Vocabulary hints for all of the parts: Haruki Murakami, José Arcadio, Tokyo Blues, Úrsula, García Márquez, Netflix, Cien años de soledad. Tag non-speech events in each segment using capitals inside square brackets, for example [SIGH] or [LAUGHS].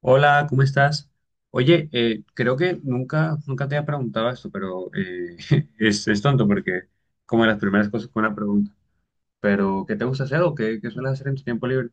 Hola, ¿cómo estás? Oye, creo que nunca te había preguntado esto, pero [LAUGHS] es tonto porque como de las primeras cosas con una pregunta. Pero, ¿qué te gusta hacer o qué sueles hacer en tu tiempo libre?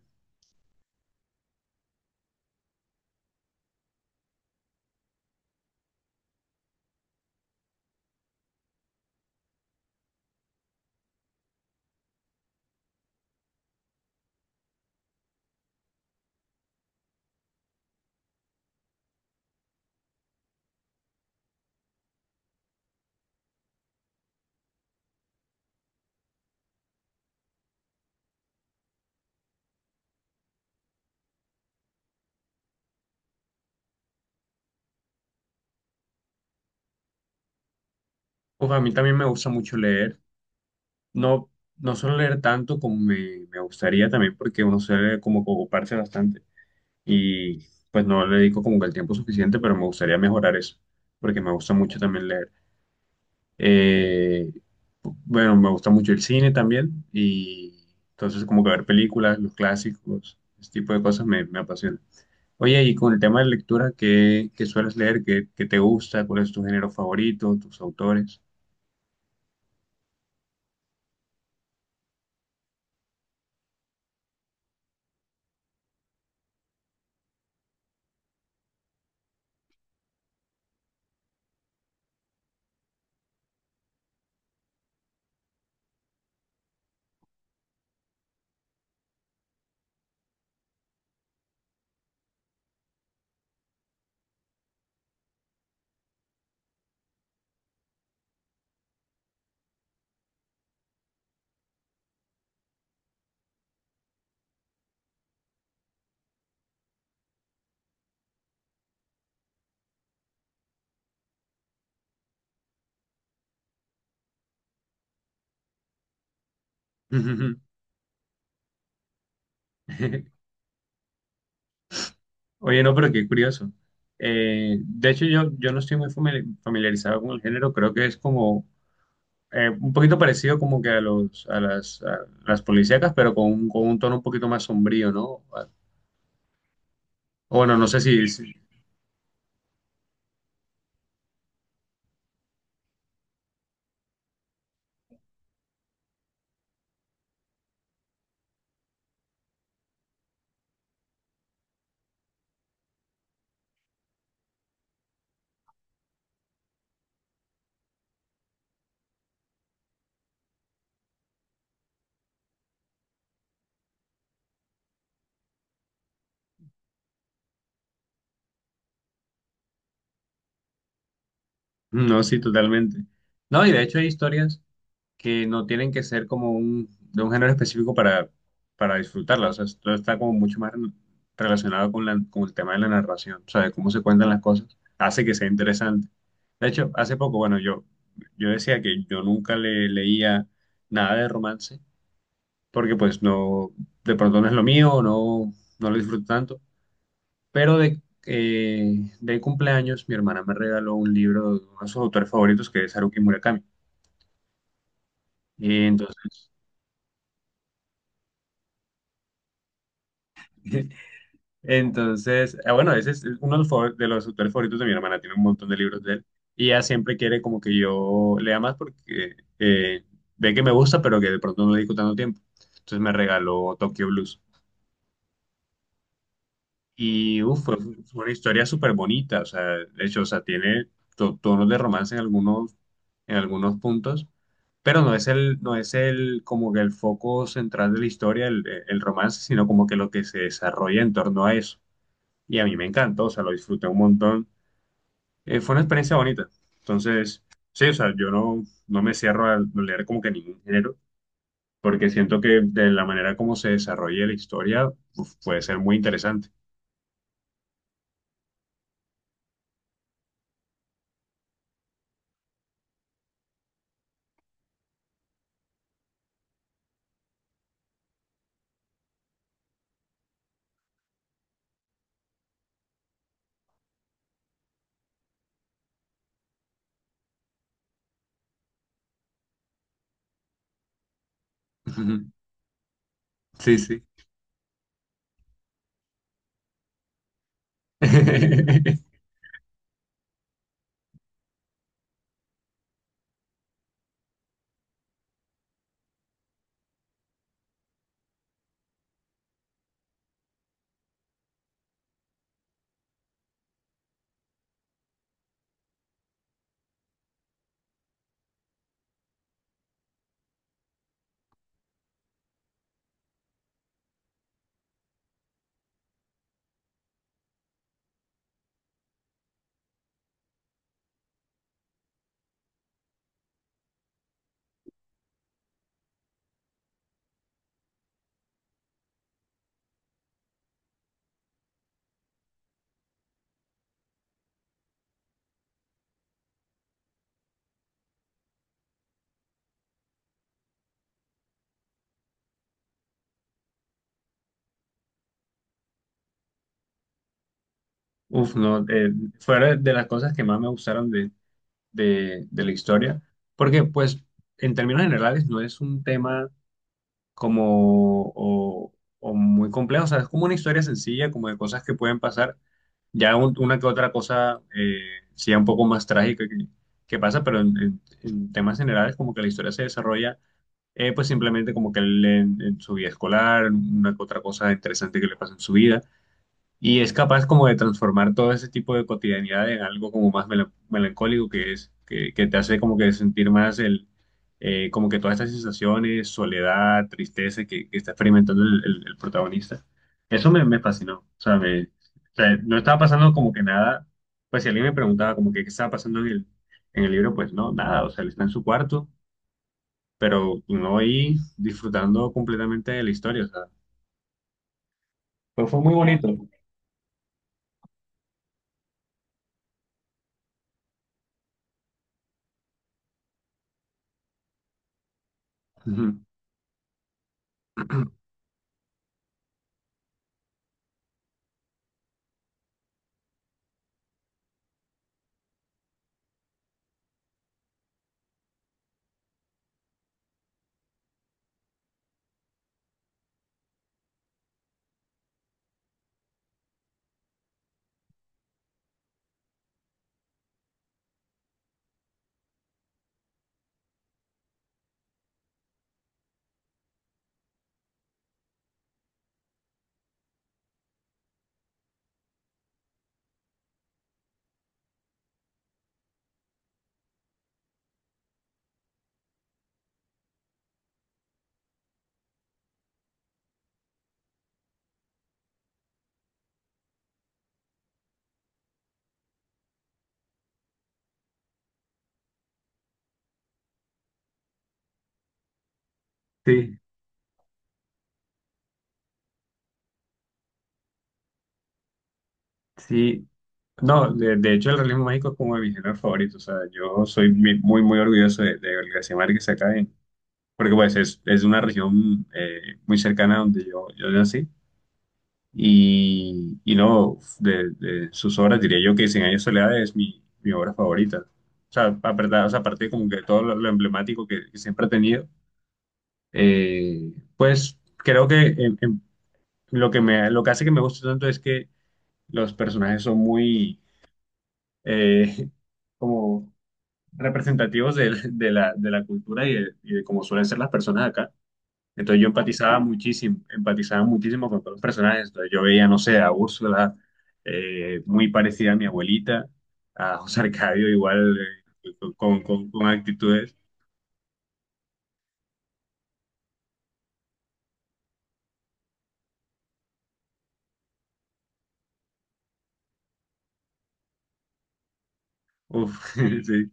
Pues a mí también me gusta mucho leer. No, no suelo leer tanto como me gustaría también porque uno suele como que ocuparse bastante y pues no le dedico como que el tiempo suficiente, pero me gustaría mejorar eso porque me gusta mucho también leer. Eh, bueno, me gusta mucho el cine también y entonces como que ver películas, los clásicos, ese tipo de cosas me apasiona. Oye, y con el tema de lectura, qué sueles leer? Qué te gusta? ¿Cuál es tu género favorito? ¿Tus autores? Ujú. [LAUGHS] Oye, no, pero qué curioso. De hecho, yo no estoy muy familiarizado con el género, creo que es como un poquito parecido como que a las policíacas, pero con, con un tono un poquito más sombrío, ¿no? O bueno, no sé si. No, sí, totalmente. No, y de hecho hay historias que no tienen que ser como un, de un género específico para disfrutarlas. O sea, todo está como mucho más relacionado con el tema de la narración, o sea, de cómo se cuentan las cosas. Hace que sea interesante. De hecho, hace poco, bueno, yo decía que yo nunca le leía nada de romance, porque pues no, de pronto no es lo mío, no lo disfruto tanto. Pero eh, de cumpleaños, mi hermana me regaló un libro de uno de sus autores favoritos, que es Haruki Murakami. Y entonces, [LAUGHS] entonces bueno, ese es uno de los, de los autores favoritos de mi hermana, tiene un montón de libros de él. Y ella siempre quiere como que yo lea más porque ve que me gusta, pero que de pronto no le dedico tanto tiempo. Entonces me regaló Tokyo Blues. Y uf, fue una historia súper bonita, o sea, de hecho, o sea, tiene tonos de romance en en algunos puntos, pero no es no es el, como que el foco central de la historia, el romance, sino como que lo que se desarrolla en torno a eso. Y a mí me encantó, o sea, lo disfruté un montón. Fue una experiencia bonita. Entonces, sí, o sea, yo no, no me cierro a leer como que ningún género, porque siento que de la manera como se desarrolla la historia, uf, puede ser muy interesante. [LAUGHS] Sí, sí. [LAUGHS] Uf, no, fuera de las cosas que más me gustaron de la historia, porque pues en términos generales no es un tema como o muy complejo, o sea, es como una historia sencilla, como de cosas que pueden pasar, ya una que otra cosa sí un poco más trágica que pasa, pero en temas generales como que la historia se desarrolla, pues simplemente como que él en su vida escolar, una que otra cosa interesante que le pasa en su vida. Y es capaz como de transformar todo ese tipo de cotidianidad en algo como más melancólico que te hace como que sentir más como que todas estas sensaciones, soledad, tristeza que está experimentando el protagonista. Eso me fascinó. O sea, no estaba pasando como que nada. Pues si alguien me preguntaba como que qué estaba pasando en el libro, pues no, nada. O sea, él está en su cuarto, pero no ahí disfrutando completamente de la historia. O sea, pues fue muy claro. Bonito. Ujú. Sí, sí. No, de hecho el realismo mágico es como de mis géneros favoritos. O sea, yo soy muy, muy orgulloso de García Márquez acá, porque pues es una región muy cercana a donde yo nací. Y no, de sus obras diría yo que Cien años de soledad es mi obra favorita. O sea, aparte como que todo lo emblemático que siempre ha tenido, eh, pues creo que en lo que lo que hace que me guste tanto es que los personajes son muy... eh, [LAUGHS] como representativos de la cultura y de cómo suelen ser las personas acá. Entonces yo empatizaba muchísimo con todos los personajes. Entonces yo veía, no sé, a Úrsula, muy parecida a mi abuelita, a José Arcadio igual, eh, con actitudes. Uf, [LAUGHS] sí,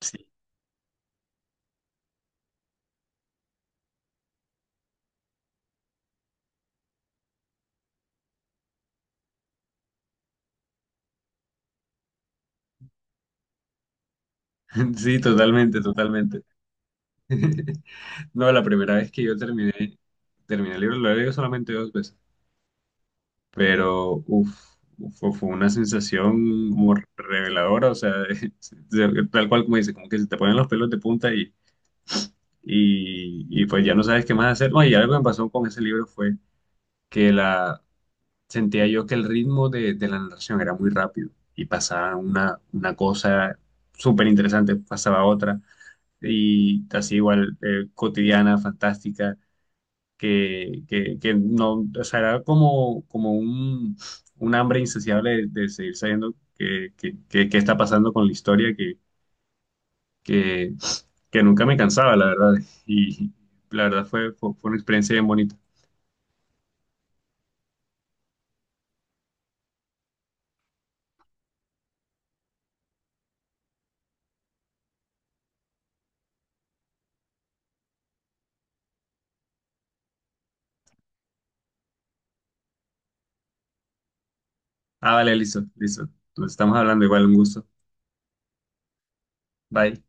sí, sí, totalmente, totalmente. [LAUGHS] No, la primera vez que yo terminé el libro, lo he leído solamente dos veces. Pero uff, fue una sensación como reveladora, o sea, [LAUGHS] tal cual como dice, como que se te ponen los pelos de punta y pues ya no sabes qué más hacer. No, y algo que me pasó con ese libro fue que la, sentía yo que el ritmo de la narración era muy rápido y pasaba una cosa súper interesante, pasaba otra. Y así igual, cotidiana, fantástica, que no, o sea, era como, un hambre insaciable de seguir sabiendo qué que- qué está pasando con la historia, que, que nunca me cansaba, la verdad. [LAUGHS] Y la verdad fue una experiencia bien bonita. Ah, vale, listo, listo. Nos estamos hablando igual, un gusto. Bye.